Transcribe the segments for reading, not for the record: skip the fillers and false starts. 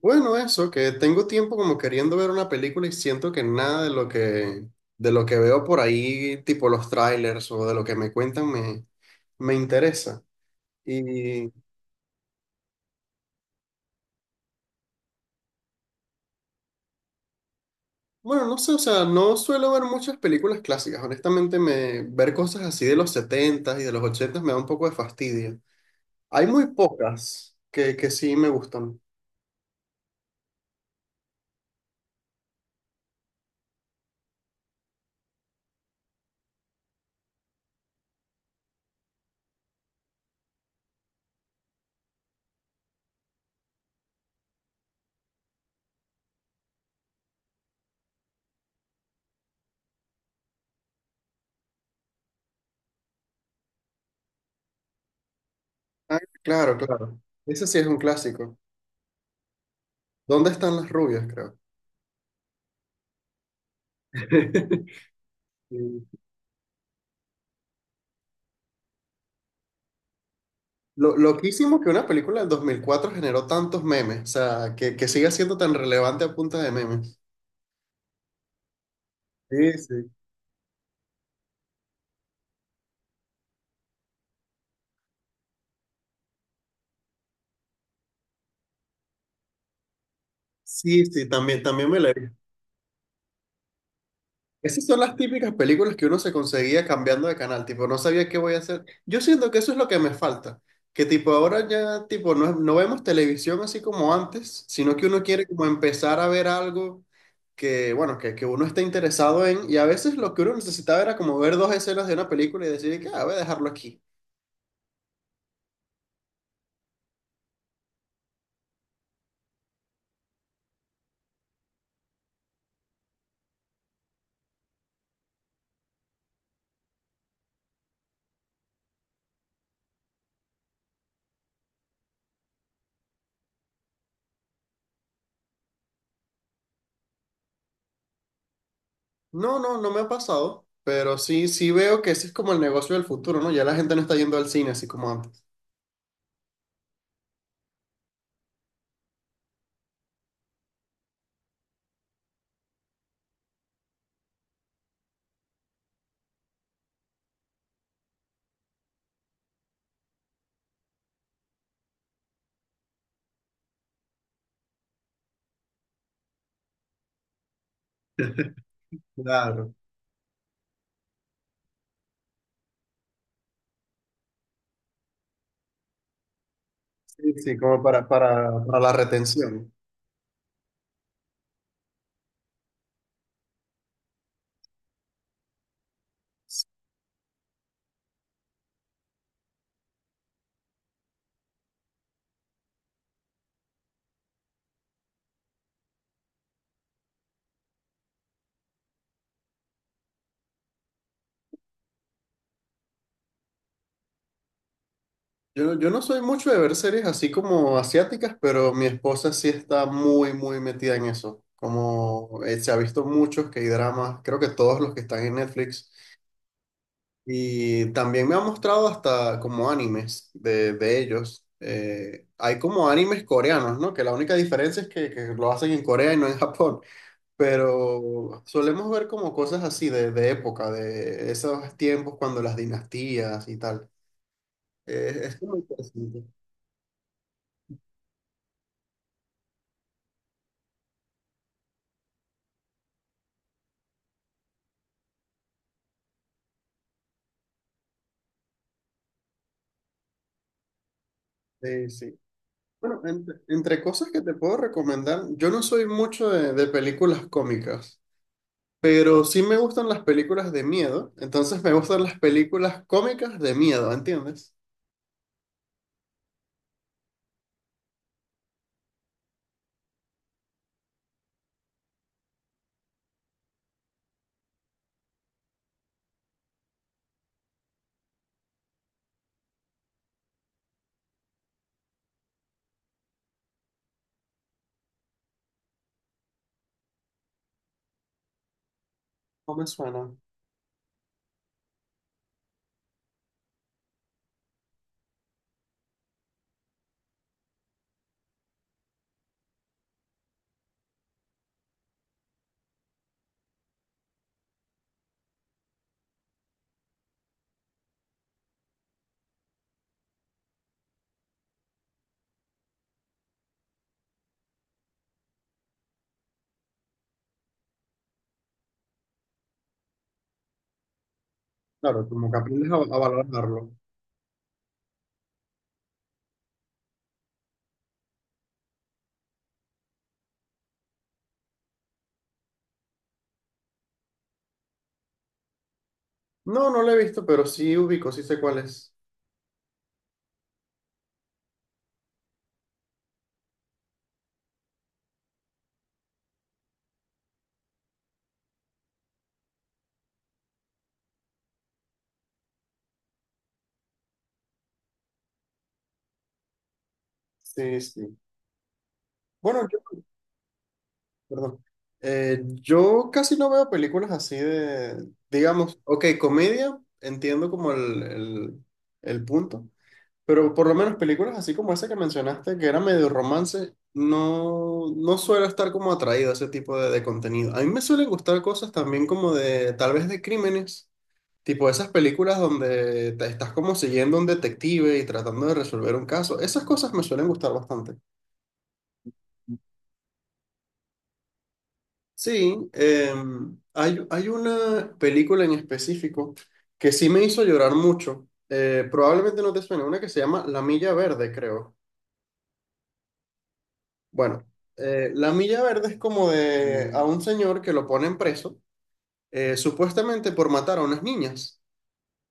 Bueno, eso, que tengo tiempo como queriendo ver una película y siento que nada de de lo que veo por ahí, tipo los trailers o de lo que me cuentan, me interesa. Y bueno, no sé, o sea, no suelo ver muchas películas clásicas. Honestamente, ver cosas así de los 70 y de los 80 me da un poco de fastidio. Hay muy pocas que sí me gustan. Ah, claro, claro. Ese sí es un clásico. ¿Dónde están las rubias, creo? Loquísimo que una película del 2004 generó tantos memes, o sea, que siga siendo tan relevante a punta de memes. Sí, sí. Sí, sí, también, también me la vi. Esas son las típicas películas que uno se conseguía cambiando de canal, tipo, no sabía qué voy a hacer. Yo siento que eso es lo que me falta, que tipo, ahora ya, tipo, no vemos televisión así como antes, sino que uno quiere como empezar a ver algo que, bueno, que uno está interesado en, y a veces lo que uno necesitaba era como ver dos escenas de una película y decir, que, ah, voy a dejarlo aquí. No, no, no me ha pasado, pero sí, sí veo que ese es como el negocio del futuro, ¿no? Ya la gente no está yendo al cine así como antes. Claro. Sí, sí, como para la retención. Yo no soy mucho de ver series así como asiáticas, pero mi esposa sí está muy, muy metida en eso. Como se ha visto muchos K-dramas, creo que todos los que están en Netflix. Y también me ha mostrado hasta como animes de ellos. Hay como animes coreanos, ¿no? Que la única diferencia es que lo hacen en Corea y no en Japón. Pero solemos ver como cosas así de época, de esos tiempos cuando las dinastías y tal. Es como interesante. Sí, sí. Bueno, entre cosas que te puedo recomendar, yo no soy mucho de películas cómicas. Pero sí me gustan las películas de miedo, entonces me gustan las películas cómicas de miedo, ¿entiendes? No me suena. Claro, como que aprendes a valorarlo. No, no lo he visto, pero sí ubico, sí sé cuál es. Sí, sí. Bueno, perdón. Yo casi no veo películas así de, digamos, ok, comedia, entiendo como el punto. Pero por lo menos películas así como esa que mencionaste, que era medio romance, no suelo estar como atraído a ese tipo de contenido. A mí me suelen gustar cosas también como de, tal vez de crímenes, tipo esas películas donde te estás como siguiendo a un detective y tratando de resolver un caso. Esas cosas me suelen gustar bastante. Sí, hay una película en específico que sí me hizo llorar mucho. Probablemente no te suene, una que se llama La Milla Verde, creo. Bueno, la milla verde es como de a un señor que lo ponen preso, supuestamente por matar a unas niñas.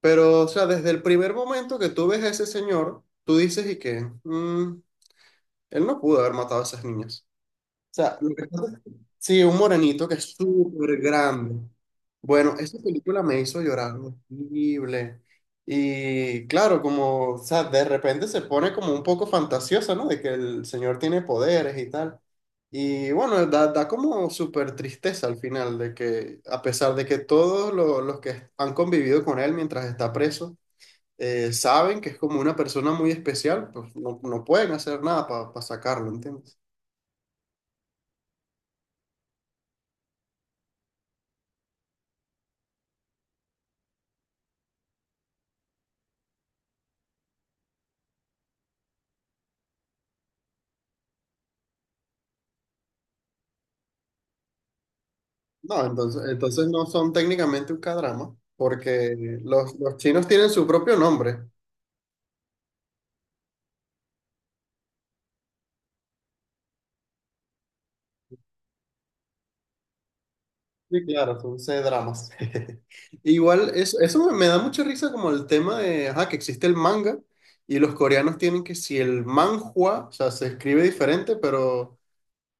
Pero, o sea, desde el primer momento que tú ves a ese señor, tú dices y que, "Mm, él no pudo haber matado a esas niñas, sea, lo que pasa, sí, un morenito que es súper grande." Bueno, esta película me hizo llorar horrible. Y claro, como, o sea, de repente se pone como un poco fantasiosa, ¿no? De que el señor tiene poderes y tal. Y bueno, da como súper tristeza al final, de que a pesar de que todos los que han convivido con él mientras está preso, saben que es como una persona muy especial, pues no pueden hacer nada para sacarlo, ¿entiendes? No, entonces no son técnicamente un K-drama, porque los chinos tienen su propio nombre. Sí, claro, son C-dramas. Igual, eso me da mucha risa como el tema de, ajá, que existe el manga y los coreanos tienen que si el manhua, o sea, se escribe diferente, pero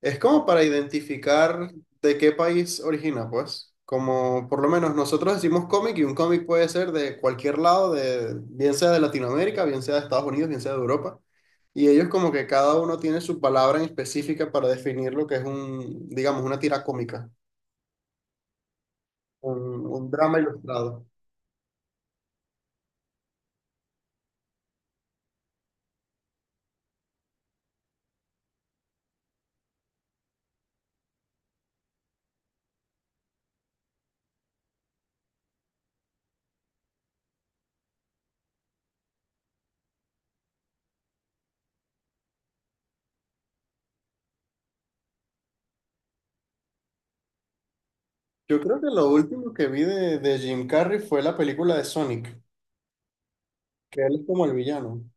es como para identificar de qué país origina, pues. Como por lo menos nosotros decimos cómic y un cómic puede ser de cualquier lado, de, bien sea de Latinoamérica, bien sea de Estados Unidos, bien sea de Europa. Y ellos como que cada uno tiene su palabra en específica para definir lo que es un, digamos, una tira cómica, un, un drama ilustrado. Yo creo que lo último que vi de Jim Carrey fue la película de Sonic, que él es como el villano.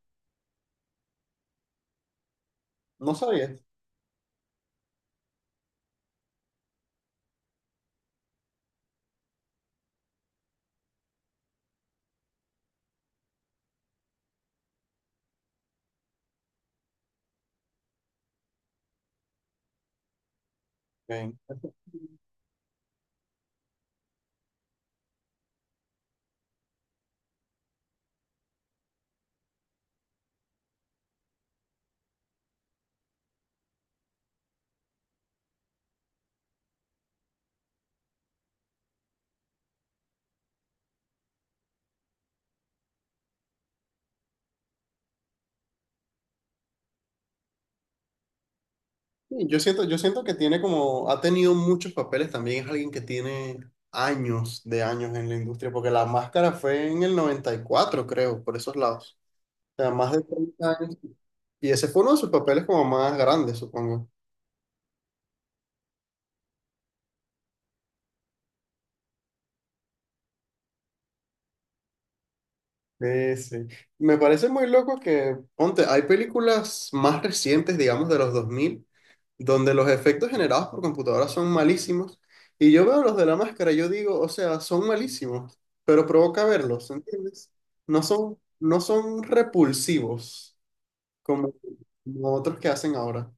¿No sabías? Ok. Sí, yo siento que tiene como, ha tenido muchos papeles también, es alguien que tiene años de años en la industria, porque La Máscara fue en el 94 creo, por esos lados. O sea, más de 30 años. Y ese fue uno de sus papeles como más grandes, supongo. Sí, sí. Me parece muy loco que, ponte, hay películas más recientes, digamos, de los 2000 donde los efectos generados por computadoras son malísimos. Y yo veo los de La Máscara, y yo digo, o sea, son malísimos, pero provoca verlos, ¿entiendes? No son repulsivos como, como otros que hacen ahora.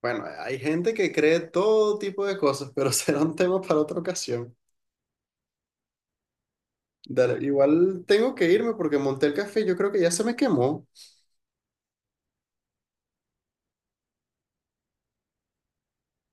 Bueno, hay gente que cree todo tipo de cosas, pero será un tema para otra ocasión. Dale, igual tengo que irme porque monté el café, yo creo que ya se me quemó.